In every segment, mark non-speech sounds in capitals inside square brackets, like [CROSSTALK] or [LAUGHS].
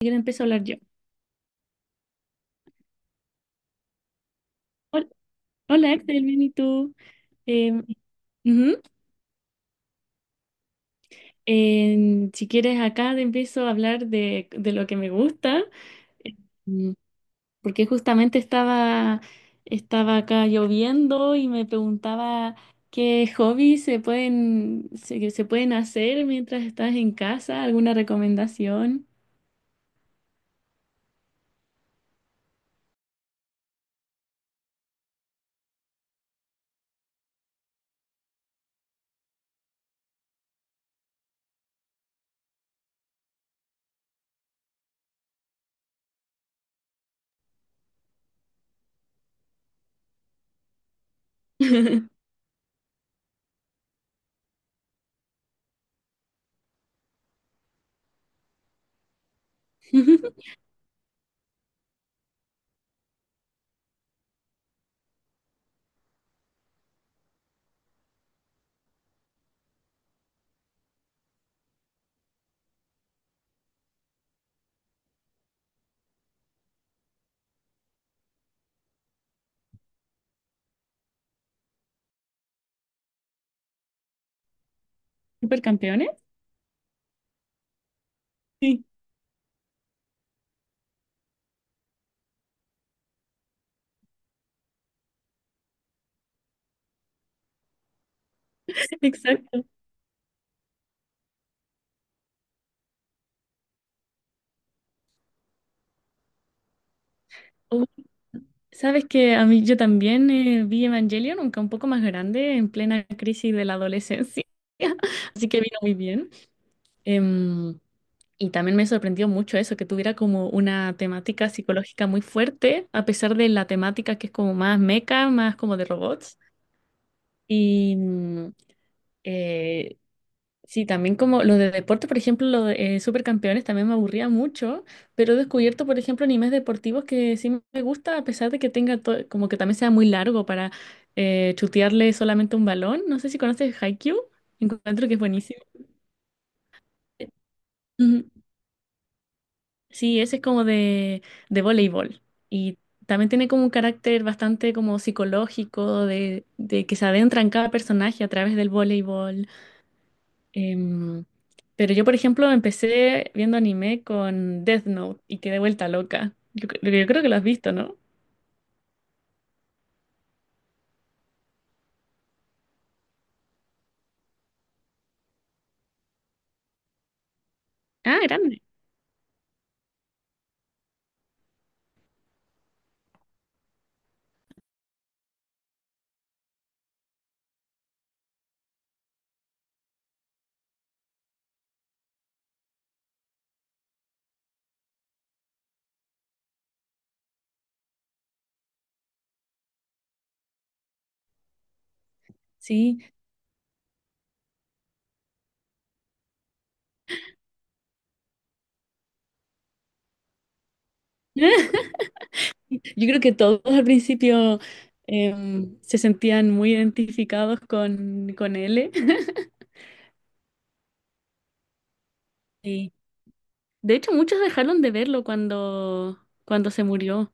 Siquiera empiezo a hablar yo. Hol- Hola, Axel, bien, ¿y tú? Em, ujú. Si quieres, acá te empiezo a hablar de lo que me gusta, em, porque justamente estaba acá lloviendo y me preguntaba qué hobbies se que se pueden hacer mientras estás en casa, alguna recomendación. [LAUGHS] ¿Supercampeones? Sí, exacto. Sabes que a mí yo también vi Evangelion, aunque un poco más grande, en plena crisis de la adolescencia, [LAUGHS] así que vino muy bien. Em, y también me sorprendió mucho eso, que tuviera como una temática psicológica muy fuerte, a pesar de la temática que es como más meca, más como de robots. Y eh, sí, también como los de deporte, por ejemplo, los de Supercampeones también me aburría mucho, pero he descubierto, por ejemplo, animes deportivos que sí me gusta, a pesar de que tenga como que también sea muy largo para chutearle solamente un balón. No sé si conoces Haikyuu, encuentro que es buenísimo. Ujú. Sí, ese es como de voleibol y también tiene como un carácter bastante como psicológico de que se adentra en cada personaje a través del voleibol. Em, pero yo, por ejemplo, empecé viendo anime con Death Note y quedé vuelta loca. Yo creo que lo has visto, ¿no? Ah, grande. Sí. [LAUGHS] Yo creo que todos al principio se sentían muy identificados con él. [LAUGHS] Sí. De hecho, muchos dejaron de verlo cuando se murió.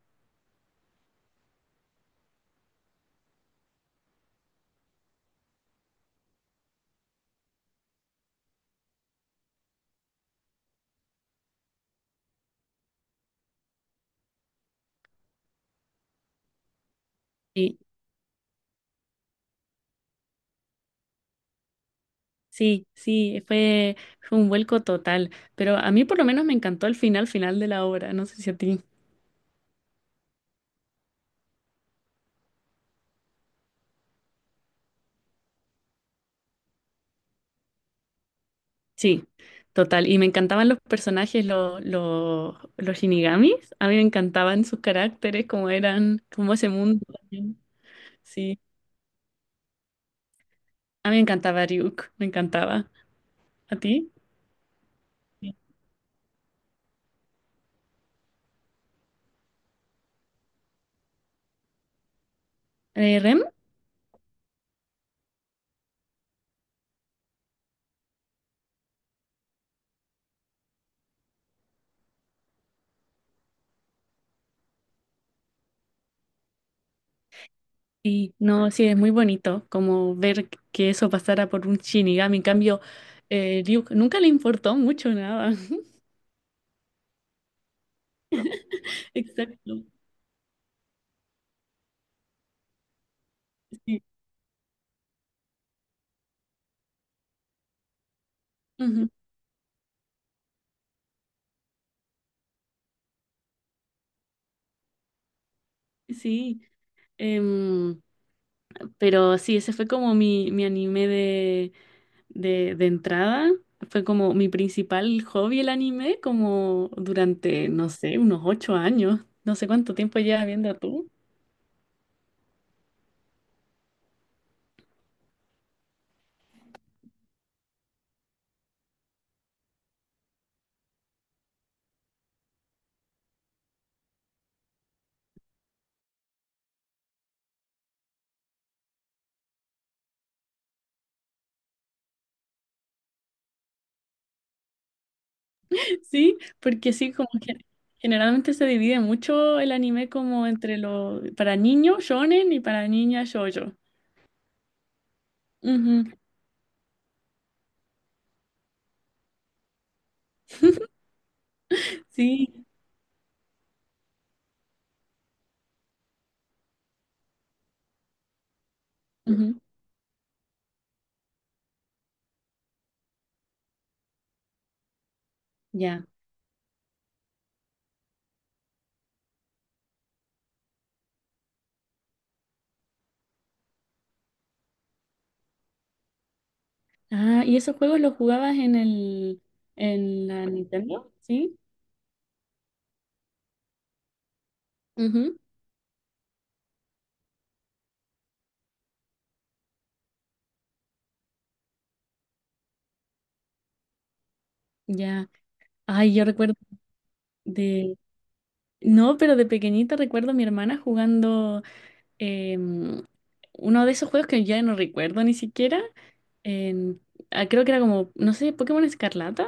Sí, sí, sí, fue un vuelco total. Pero a mí por lo menos me encantó el final, final de la obra. No sé si a ti. Sí, total. Y me encantaban los personajes, los shinigamis. A mí me encantaban sus caracteres, cómo eran, cómo ese mundo. También. Sí, a mí me encantaba Ryuk, me encantaba. ¿A ti? Sí. ¿Rem? Sí, no, sí, es muy bonito como ver que eso pasara por un shinigami. En cambio, Ryuk nunca le importó mucho nada. [LAUGHS] Exacto, sí. Ujú, sí, Em, pero sí, ese fue como mi anime de. De entrada. Fue como mi principal hobby el anime, como durante, no sé, unos 8 años. No sé cuánto tiempo llevas viendo tú. [LAUGHS] Sí, porque sí, como que generalmente se divide mucho el anime como entre lo para niños shonen y para niñas shoujo. Ujú, sí, ujú, ya. Ah, ¿y esos juegos los jugabas en la Nintendo? Sí. Ujú, ya. Ay, yo recuerdo de no, pero de pequeñita recuerdo a mi hermana jugando, em, uno de esos juegos que ya no recuerdo ni siquiera. en- ah, creo que era como, no sé, Pokémon Escarlata.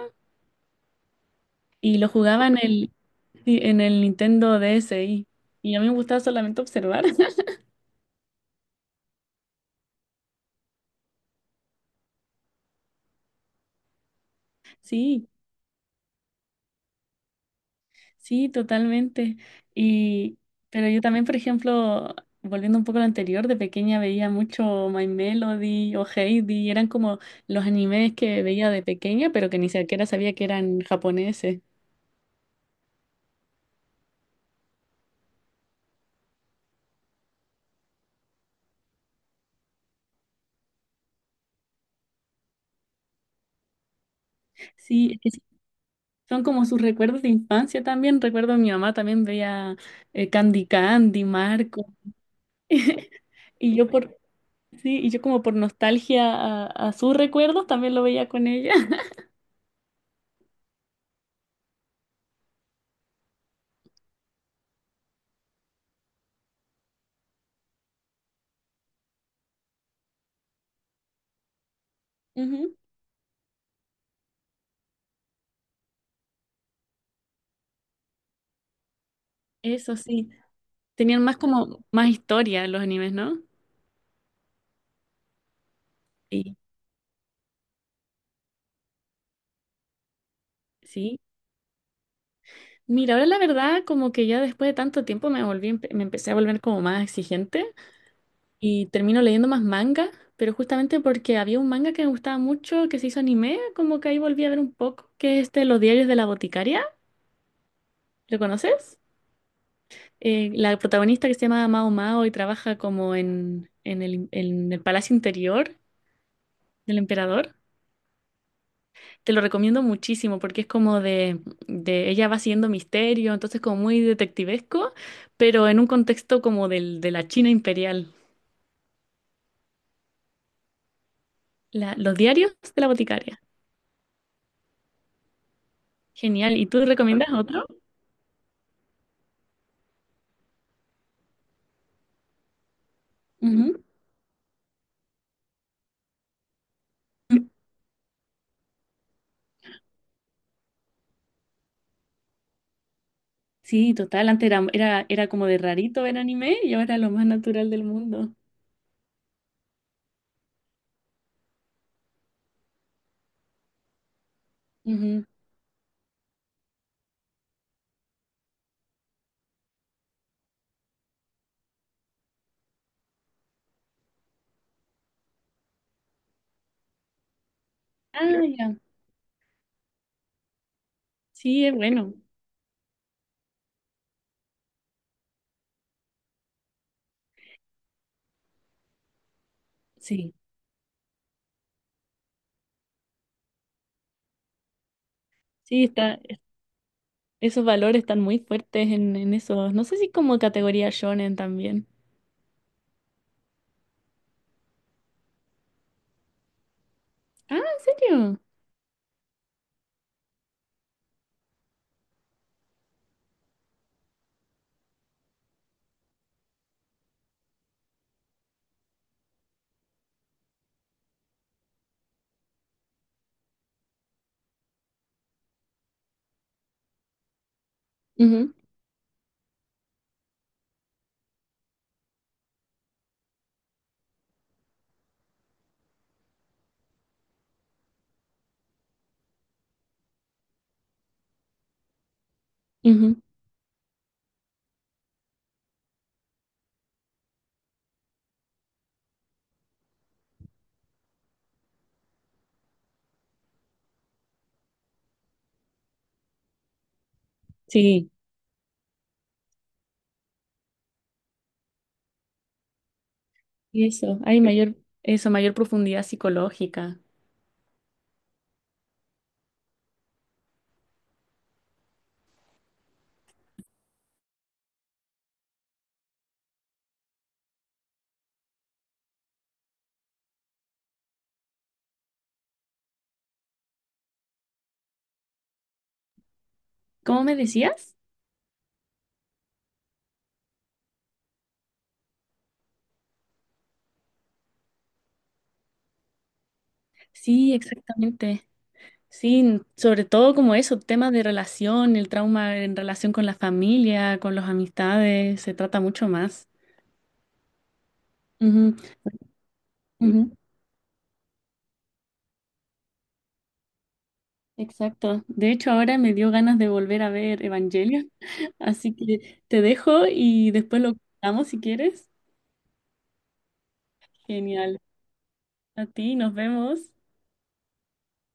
Y lo jugaba sí, en el Nintendo DSi. Y a mí me gustaba solamente observar. [LAUGHS] Sí. Sí, totalmente. Y, pero yo también, por ejemplo, volviendo un poco a lo anterior, de pequeña veía mucho My Melody o Heidi, eran como los animes que veía de pequeña, pero que ni siquiera sabía que eran japoneses. Sí, es que sí, son como sus recuerdos de infancia también. Recuerdo a mi mamá también veía Candy Candy, Marco. [LAUGHS] Y yo por, sí, y yo como por nostalgia a sus recuerdos también lo veía con ella. [LAUGHS] Ujú, eso sí. Tenían más como más historia los animes, ¿no? Sí, sí. Mira, ahora la verdad, como que ya después de tanto tiempo me empecé a volver como más exigente y termino leyendo más manga, pero justamente porque había un manga que me gustaba mucho que se hizo anime, como que ahí volví a ver un poco, que es este Los diarios de la boticaria, ¿lo conoces? La protagonista que se llama Mao Mao y trabaja como en el palacio interior del emperador. Te lo recomiendo muchísimo porque es como de ella va siendo misterio, entonces como muy detectivesco, pero en un contexto como del, de la China imperial. Los diarios de la boticaria. Genial. ¿Y tú recomiendas otro? Ujú. Sí, total. Antes era como de rarito ver anime y ahora lo más natural del mundo. Ujú. Ah, ya. Sí, es bueno. Sí. Sí, está, esos valores están muy fuertes en esos. No sé si como categoría shonen también. Ah, ¿en serio? Ujú, ujú. Sí, y eso, hay mayor, eso, mayor profundidad psicológica. ¿Cómo me decías? Sí, exactamente. Sí, sobre todo como eso, temas de relación, el trauma en relación con la familia, con las amistades, se trata mucho más. Ujú, ujú, exacto. De hecho, ahora me dio ganas de volver a ver Evangelion, [LAUGHS] así que te dejo y después lo contamos si quieres. Genial. A ti, nos vemos.